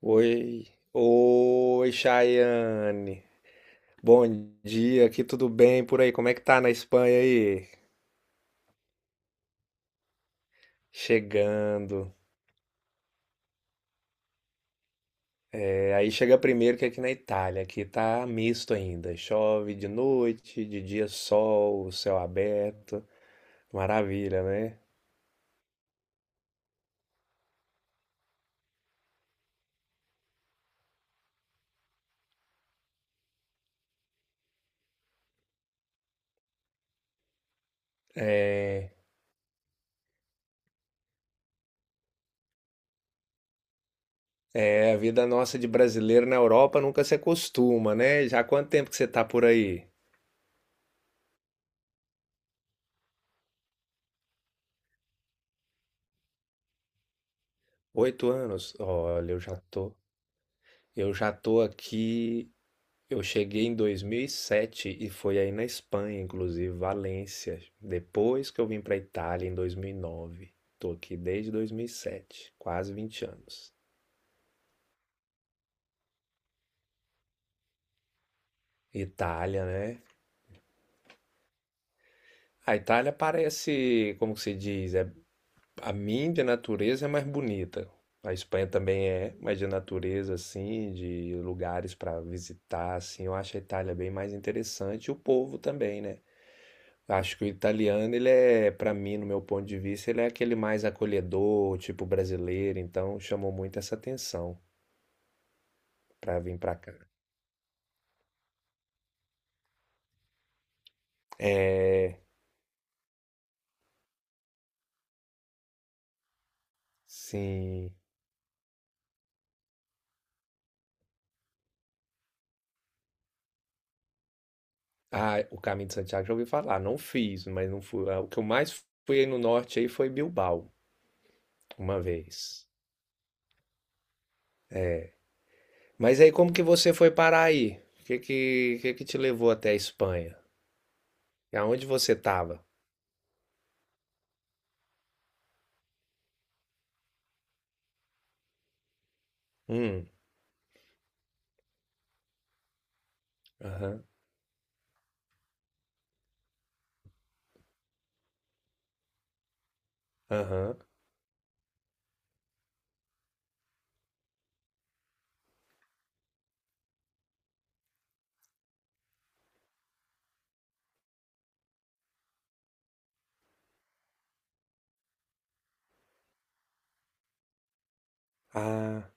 Oi, Chayane. Bom dia, aqui tudo bem por aí? Como é que tá na Espanha aí? Chegando. É, aí chega primeiro que aqui na Itália, aqui tá misto ainda. Chove de noite, de dia sol, céu aberto. Maravilha, né? É, é, a vida nossa de brasileiro na Europa nunca se acostuma, né? Já há quanto tempo que você tá por aí? Oito anos? Olha, eu já tô aqui. Eu cheguei em 2007 e foi aí na Espanha, inclusive, Valência. Depois que eu vim para Itália em 2009. Tô aqui desde 2007, quase 20 anos. Itália, né? A Itália parece, como que se diz, a mim de natureza é mais bonita. A Espanha também é, mas de natureza assim, de lugares para visitar assim, eu acho a Itália bem mais interessante e o povo também, né? Acho que o italiano, ele é, pra mim, no meu ponto de vista, ele é aquele mais acolhedor, tipo brasileiro, então chamou muito essa atenção pra vir pra cá. É, sim. Ah, o Caminho de Santiago já ouvi falar, não fiz, mas não fui. Ah, o que eu mais fui aí no norte aí foi Bilbao, uma vez. Mas aí como que você foi parar aí? Que que te levou até a Espanha? E aonde você tava? Hum, aham, aham. Ah,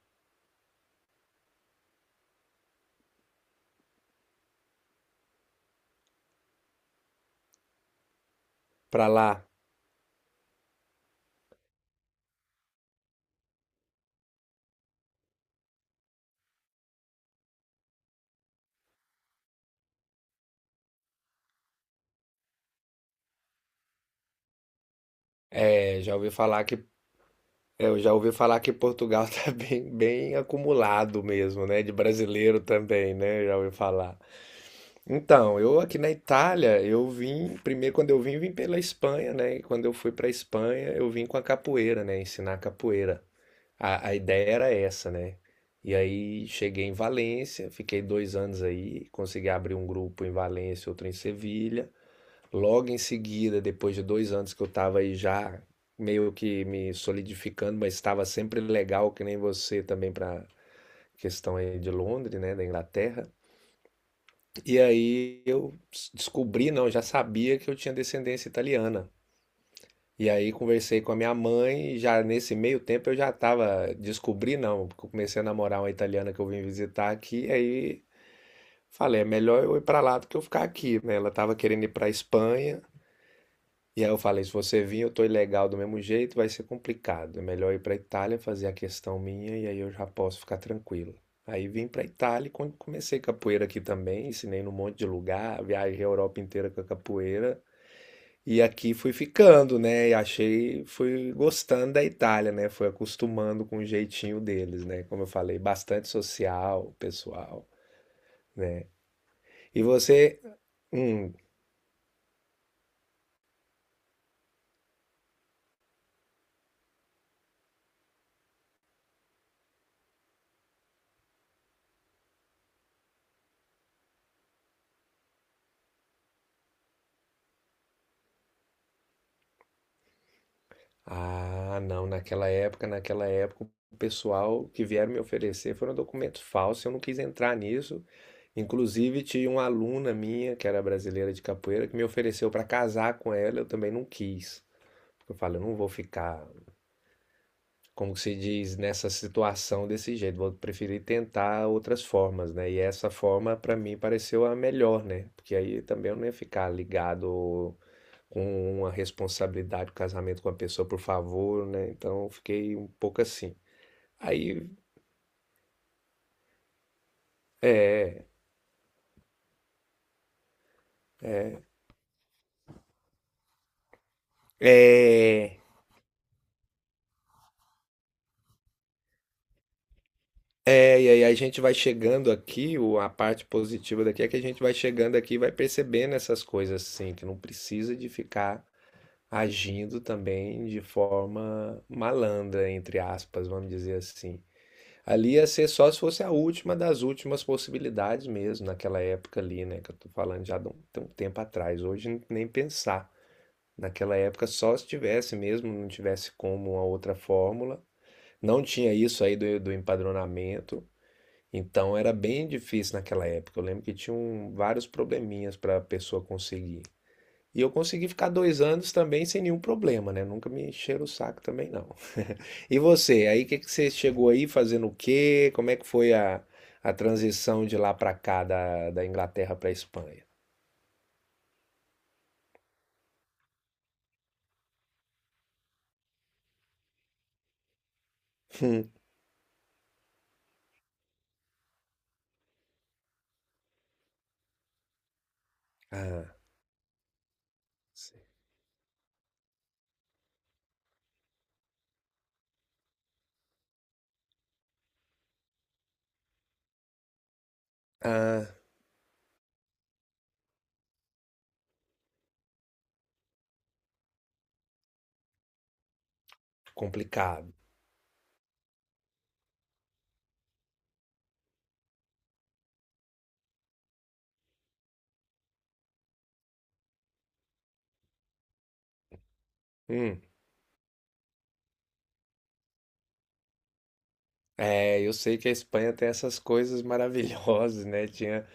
pra lá. É, já ouvi falar que É, eu já ouvi falar que Portugal tá bem, bem acumulado mesmo, né? De brasileiro também, né? Eu já ouvi falar. Então, eu aqui na Itália, eu vim, primeiro quando eu vim, vim pela Espanha, né? E quando eu fui pra Espanha, eu vim com a capoeira, né? Ensinar capoeira. A ideia era essa, né? E aí cheguei em Valência, fiquei 2 anos aí, consegui abrir um grupo em Valência, outro em Sevilha. Logo em seguida, depois de 2 anos que eu estava aí já meio que me solidificando, mas estava sempre legal, que nem você também para questão aí de Londres, né, da Inglaterra. E aí descobri, não, já sabia que eu tinha descendência italiana. E aí conversei com a minha mãe e já nesse meio tempo eu já estava descobri, não, porque eu comecei a namorar uma italiana que eu vim visitar aqui, e aí falei, é melhor eu ir para lá do que eu ficar aqui, né? Ela estava querendo ir para Espanha. E aí eu falei, se você vir, eu tô ilegal do mesmo jeito, vai ser complicado. É melhor ir pra Itália fazer a questão minha e aí eu já posso ficar tranquilo. Aí vim pra Itália e quando comecei capoeira aqui também, ensinei num monte de lugar, viajei a Europa inteira com a capoeira. E aqui fui ficando, né? E achei, fui gostando da Itália, né? Fui acostumando com o jeitinho deles, né? Como eu falei, bastante social, pessoal, né? E você, hum, ah, não, naquela época, o pessoal que vieram me oferecer foram documentos falsos, eu não quis entrar nisso. Inclusive, tinha uma aluna minha, que era brasileira de capoeira, que me ofereceu para casar com ela, eu também não quis. Eu falei, eu não vou ficar, como se diz, nessa situação desse jeito, vou preferir tentar outras formas, né? E essa forma, para mim, pareceu a melhor, né? Porque aí também eu não ia ficar ligado com uma responsabilidade do casamento com a pessoa, por favor, né? Então eu fiquei um pouco assim. Aí, é, é, e aí a gente vai chegando aqui, o- a parte positiva daqui é que a gente vai chegando aqui e vai percebendo essas coisas assim, que não precisa de ficar agindo também de forma malandra, entre aspas, vamos dizer assim. Ali ia ser só se fosse a última das últimas possibilidades mesmo, naquela época ali, né, que eu tô falando já de um tempo atrás. Hoje nem pensar. Naquela época, só se tivesse mesmo, não tivesse como uma outra fórmula. Não tinha isso aí do empadronamento, então era bem difícil naquela época. Eu lembro que tinham vários probleminhas para a pessoa conseguir. E eu consegui ficar 2 anos também sem nenhum problema, né? Nunca me encheram o saco também, não. E você, aí que você chegou aí fazendo o quê? Como é que foi a transição de lá para cá, da Inglaterra para a Espanha? Ah, ah, complicado. Hum. É, eu sei que a Espanha tem essas coisas maravilhosas, né?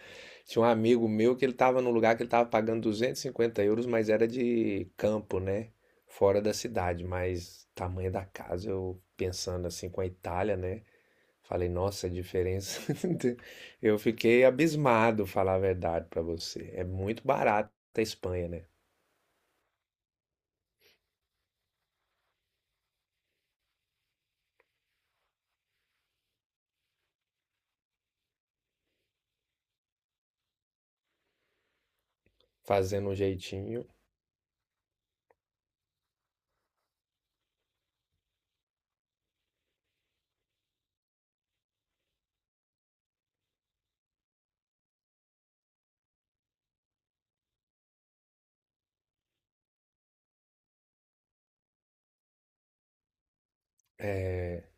Tinha um amigo meu que ele estava num lugar que ele estava pagando 250 euros, mas era de campo, né? Fora da cidade, mas tamanho da casa, eu pensando assim com a Itália, né? Falei, nossa, a diferença. Eu fiquei abismado, falar a verdade para você. É muito barato a Espanha, né? Fazendo um jeitinho. É,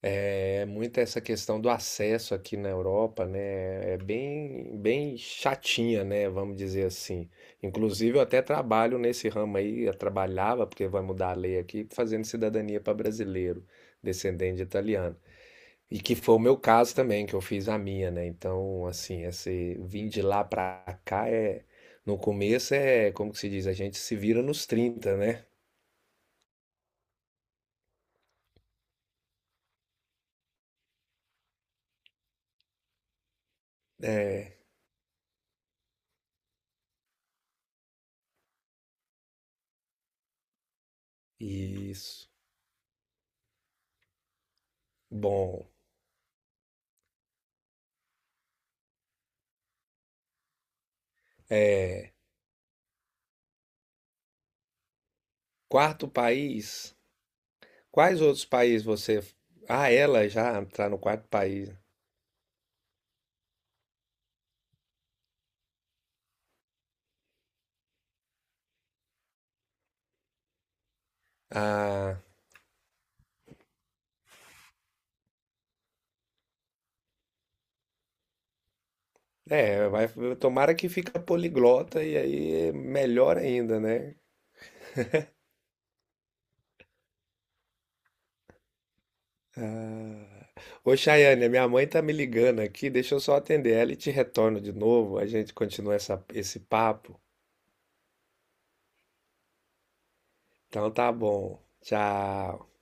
é muito essa questão do acesso aqui na Europa, né? É bem, bem chatinha, né? Vamos dizer assim. Inclusive, eu até trabalho nesse ramo aí, eu trabalhava, porque vai mudar a lei aqui, fazendo cidadania para brasileiro, descendente de italiano. E que foi o meu caso também, que eu fiz a minha, né? Então, assim, esse vir de lá para cá é. No começo é, como que se diz? A gente se vira nos 30, né? É, isso. Bom. É. Quarto país? Quais outros países você. Ah, ela já está no quarto país. Ah, é, vai, tomara que fica poliglota e aí é melhor ainda, né? Ô, Chayane, a minha mãe tá me ligando aqui, deixa eu só atender ela e te retorno de novo, a gente continua essa, esse papo. Então tá bom. Tchau.